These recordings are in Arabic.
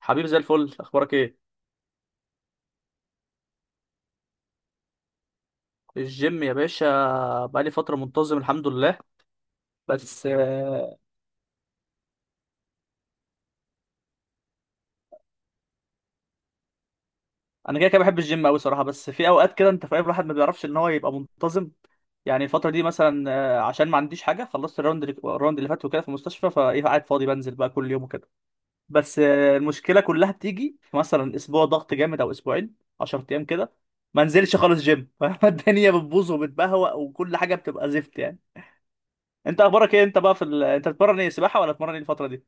حبيب، زي الفل، اخبارك ايه؟ الجيم يا باشا، بقالي فتره منتظم الحمد لله. بس انا كده كده بحب الجيم قوي صراحه، بس في اوقات كده انت فاهم، الواحد ما بيعرفش ان هو يبقى منتظم. يعني الفتره دي مثلا عشان ما عنديش حاجه، خلصت الراوند اللي فات وكده في المستشفى، فايه قاعد فاضي بنزل بقى كل يوم وكده. بس المشكله كلها بتيجي في مثلا اسبوع ضغط جامد او اسبوعين، 10 ايام كده ما انزلش خالص جيم الدنيا بتبوظ وبتبهوأ وكل حاجه بتبقى زفت يعني. انت اخبارك ايه؟ انت بقى انت بتتمرن ايه، سباحه ولا بتتمرن ايه الفتره دي؟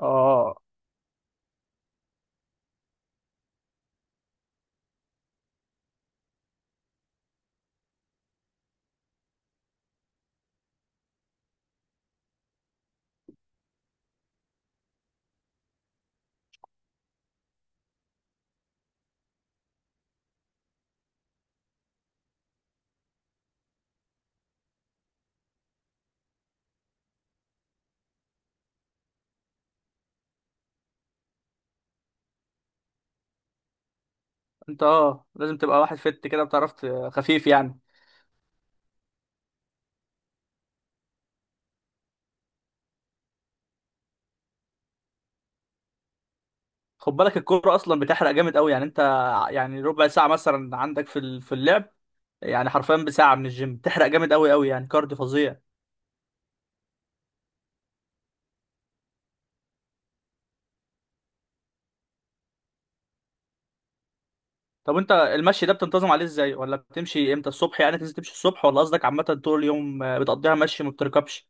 اه، انت اه لازم تبقى واحد فت كده، بتعرف خفيف يعني. خد بالك الكوره اصلا بتحرق جامد قوي، يعني انت يعني ربع ساعه مثلا عندك في اللعب، يعني حرفيا بساعه من الجيم تحرق جامد قوي قوي، يعني كارديو فظيع. طب انت المشي ده بتنتظم عليه ازاي؟ ولا بتمشي امتى الصبح؟ يعني تنزل تمشي الصبح، ولا قصدك عامه طول اليوم بتقضيها مشي ما بتركبش؟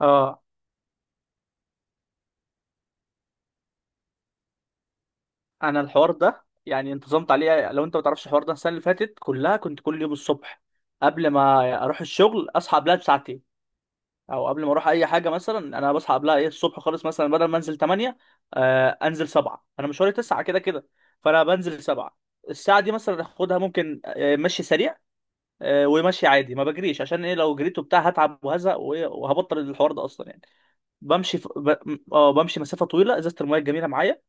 اه، انا الحوار ده يعني انتظمت عليه، لو انت ما تعرفش الحوار ده، السنه اللي فاتت كلها كنت كل يوم الصبح قبل ما اروح الشغل اصحى قبلها بساعتين، او قبل ما اروح اي حاجه مثلا، انا بصحى قبلها ايه الصبح خالص، مثلا بدل ما انزل 8 آه انزل 7، انا مشواري 9 كده كده، فانا بنزل 7 الساعه دي مثلا اخدها ممكن مشي سريع، ومشي عادي ما بجريش. عشان ايه؟ لو جريت وبتاع هتعب وهزق وإيه، وهبطل الحوار ده اصلا يعني. بمشي اه بمشي مسافه طويله، ازازه الميه الجميله معايا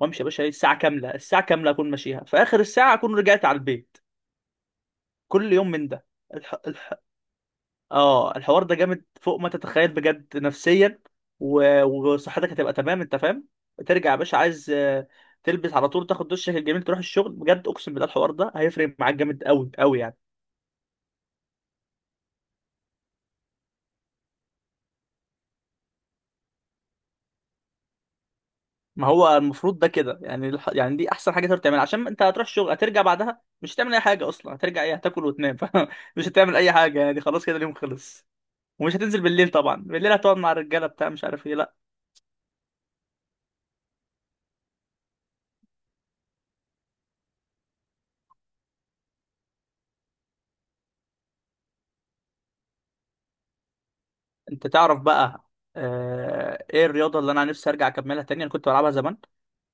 وامشي يا باشا، إيه، الساعه كامله الساعه كامله اكون ماشيها، في اخر الساعه اكون رجعت على البيت. كل يوم من ده. اه الحوار ده جامد فوق ما تتخيل بجد نفسيا، وصحتك هتبقى تمام، انت فاهم. ترجع يا باشا عايز تلبس على طول، تاخد دشك الجميل، تروح الشغل. بجد اقسم بالله الحوار ده هيفرق معاك جامد قوي قوي يعني. ما هو المفروض ده كده يعني يعني دي احسن حاجه تقدر تعملها، عشان انت هتروح الشغل هترجع بعدها، مش هتعمل اي حاجه اصلا، هترجع ايه هتاكل وتنام مش هتعمل اي حاجه يعني خلاص كده اليوم خلص. ومش هتنزل بالليل طبعا، بالليل هتقعد مع الرجاله بتاع مش عارف ايه، لا. انت تعرف بقى ايه الرياضه اللي انا نفسي ارجع اكملها تاني؟ انا كنت بلعبها زمان،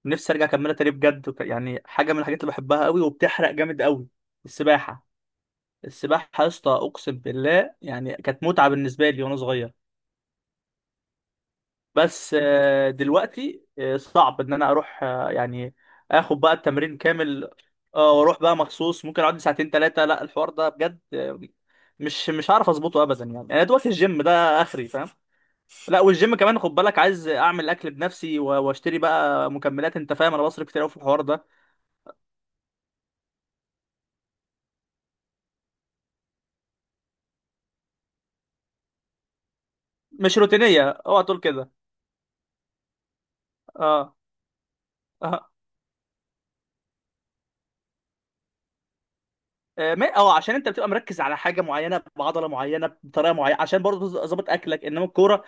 نفسي ارجع اكملها تاني بجد، يعني حاجه من الحاجات اللي بحبها قوي وبتحرق جامد قوي. السباحه. السباحه يا اسطى، اقسم بالله يعني كانت متعه بالنسبه لي وانا صغير. بس دلوقتي صعب ان انا اروح يعني اخد بقى التمرين كامل، اه واروح بقى مخصوص، ممكن اقعد لي ساعتين ثلاثه، لا الحوار ده بجد مش هعرف اظبطه ابدا يعني، انا دلوقتي الجيم ده اخري فاهم. لا والجيم كمان خد بالك، عايز اعمل اكل بنفسي واشتري بقى مكملات، انت فاهم انا بصرف كتير قوي في الحوار ده. مش روتينيه، اوعى تقول كده. اه، اه، اه عشان انت بتبقى مركز على حاجه معينه، بعضله معينه، بطريقه معينه، عشان برضه ظابط اكلك، انما الكوره...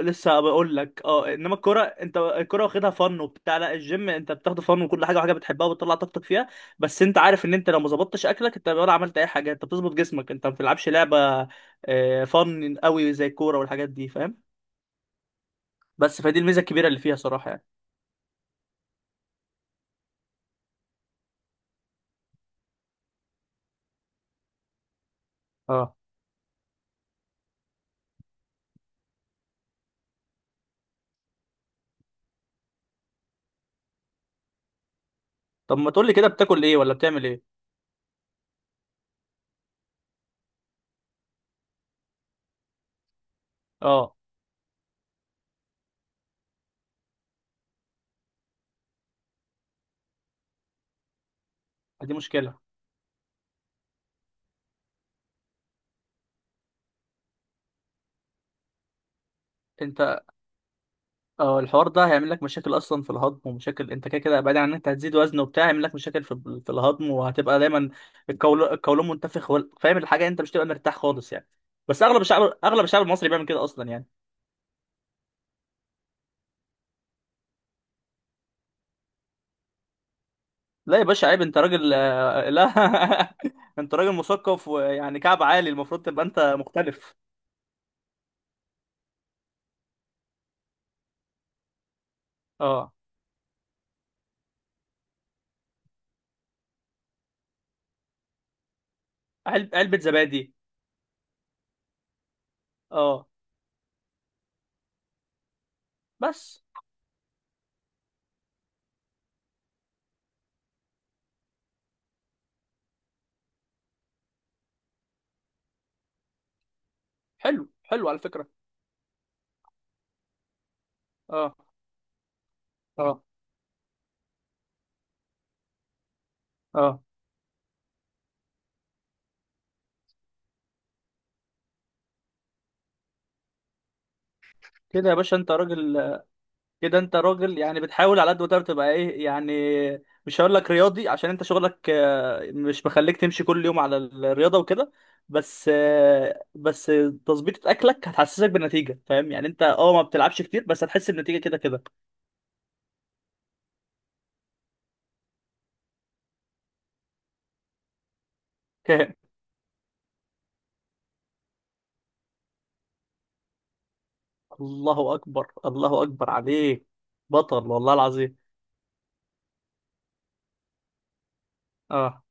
لسه بقول لك، اه انما الكوره انت الكوره واخدها فن وبتاع. لا الجيم انت بتاخده فن، وكل حاجه، وحاجه بتحبها وبتطلع طاقتك فيها، بس انت عارف ان انت لو ما ظبطتش اكلك، انت ولا عملت اي حاجه، انت بتظبط جسمك، انت ما بتلعبش لعبه فن قوي زي الكوره والحاجات دي، فاهم؟ بس فدي الميزه الكبيره اللي فيها صراحه يعني. اه، طب ما تقول لي كده، بتاكل ايه ولا بتعمل ايه؟ اه دي مشكله. انت اه الحوار ده هيعمل لك مشاكل اصلا في الهضم، ومشاكل، انت كده كده بعيد عن ان انت هتزيد وزن وبتاع، هيعمل لك مشاكل في الهضم، وهتبقى دايما القولون، القولون منتفخ، فاهم الحاجه، انت مش تبقى مرتاح خالص يعني. بس اغلب الشعب المصري بيعمل كده اصلا يعني. لا يا باشا عيب، انت راجل لا انت راجل مثقف ويعني كعب عالي، المفروض تبقى انت مختلف. اه، علب علبه زبادي، اه، بس حلو حلو على فكره، اه، اه، اه. كده يا باشا انت راجل. كده انت راجل يعني بتحاول على قد ما تقدر تبقى ايه يعني. مش هقول لك رياضي عشان انت شغلك مش مخليك تمشي كل يوم على الرياضه وكده. بس بس تظبيطة اكلك هتحسسك بالنتيجه، فاهم يعني؟ انت اه ما بتلعبش كتير بس هتحس بالنتيجه كده كده. الله اكبر، الله اكبر عليك، بطل والله العظيم. اه،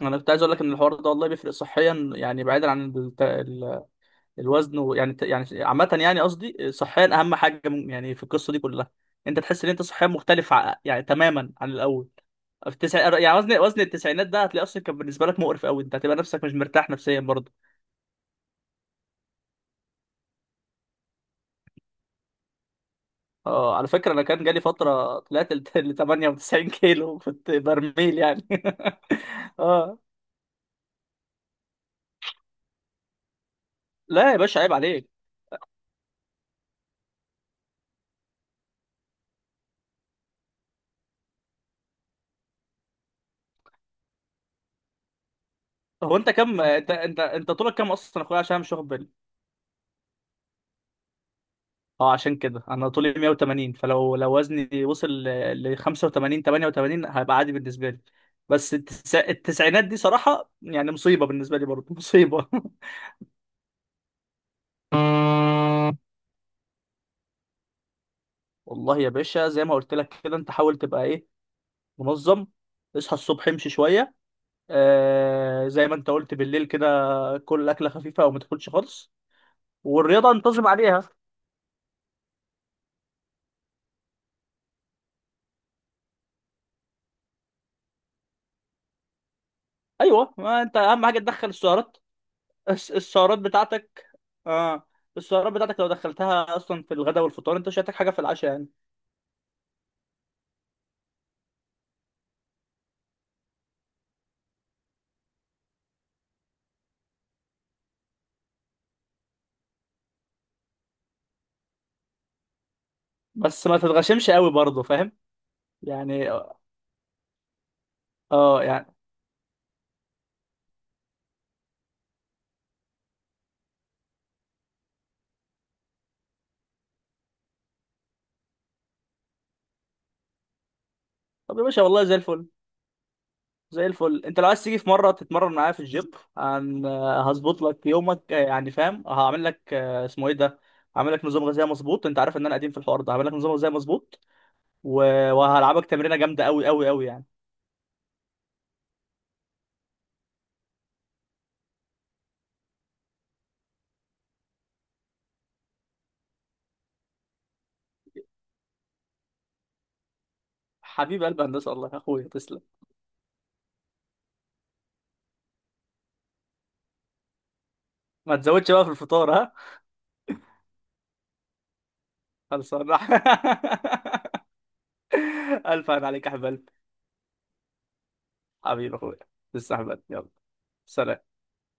انا كنت عايز اقول لك ان الحوار ده والله بيفرق صحيا يعني، بعيدا عن الت... الوزن يعني يعني عامة، يعني قصدي صحيا أهم حاجة يعني في القصة دي كلها، أنت تحس إن أنت صحيا مختلف يعني تماما عن الأول. يعني وزن، وزن التسعينات ده هتلاقي أصلا كان بالنسبة لك مقرف أوي، أنت هتبقى نفسك مش مرتاح نفسيا برضه. آه على فكرة، أنا كان جالي فترة طلعت ل 98 كيلو، كنت برميل يعني آه، لا يا باشا عيب عليك. هو أنت كم، أنت طولك كم أصلا يا أخويا عشان أنا مش واخد بالي؟ اه عشان كده انا طولي 180، فلو لو وزني وصل ل 85 88 هيبقى عادي بالنسبه لي. بس التسعينات دي صراحه يعني مصيبه، بالنسبه لي برضه مصيبه والله يا باشا زي ما قلت لك كده، انت حاول تبقى ايه، منظم. اصحى الصبح امشي شويه. آه زي ما انت قلت بالليل كده، كل اكله خفيفه او ما تاكلش خالص. والرياضه انتظم عليها. ايوه، ما انت اهم حاجه تدخل السعرات. السعرات بتاعتك. اه السعرات بتاعتك لو دخلتها اصلا في الغداء والفطار، انت مش هتحتاج حاجه في العشاء يعني. بس ما تتغشمش قوي برضه، فاهم يعني؟ اه يعني. طب يا باشا والله زي الفل، زي الفل. انت لو عايز تيجي في مره تتمرن معايا في الجيم، عن هظبط لك يومك، يعني فاهم، هعمل لك اسمه ايه ده، هعمل لك نظام غذائي مظبوط، انت عارف ان انا قديم في الحوار ده، هعمل لك نظام غذائي مظبوط و... وهلعبك تمرينه جامده قوي قوي قوي يعني. حبيب قلب، هندسه والله يا اخويا، تسلم. ما تزودش بقى في الفطار، ها. خلصان ألف عين عليك يا حبيب قلبي. حبيبي أخويا. تسلم يا حبيب. يلا، سلام.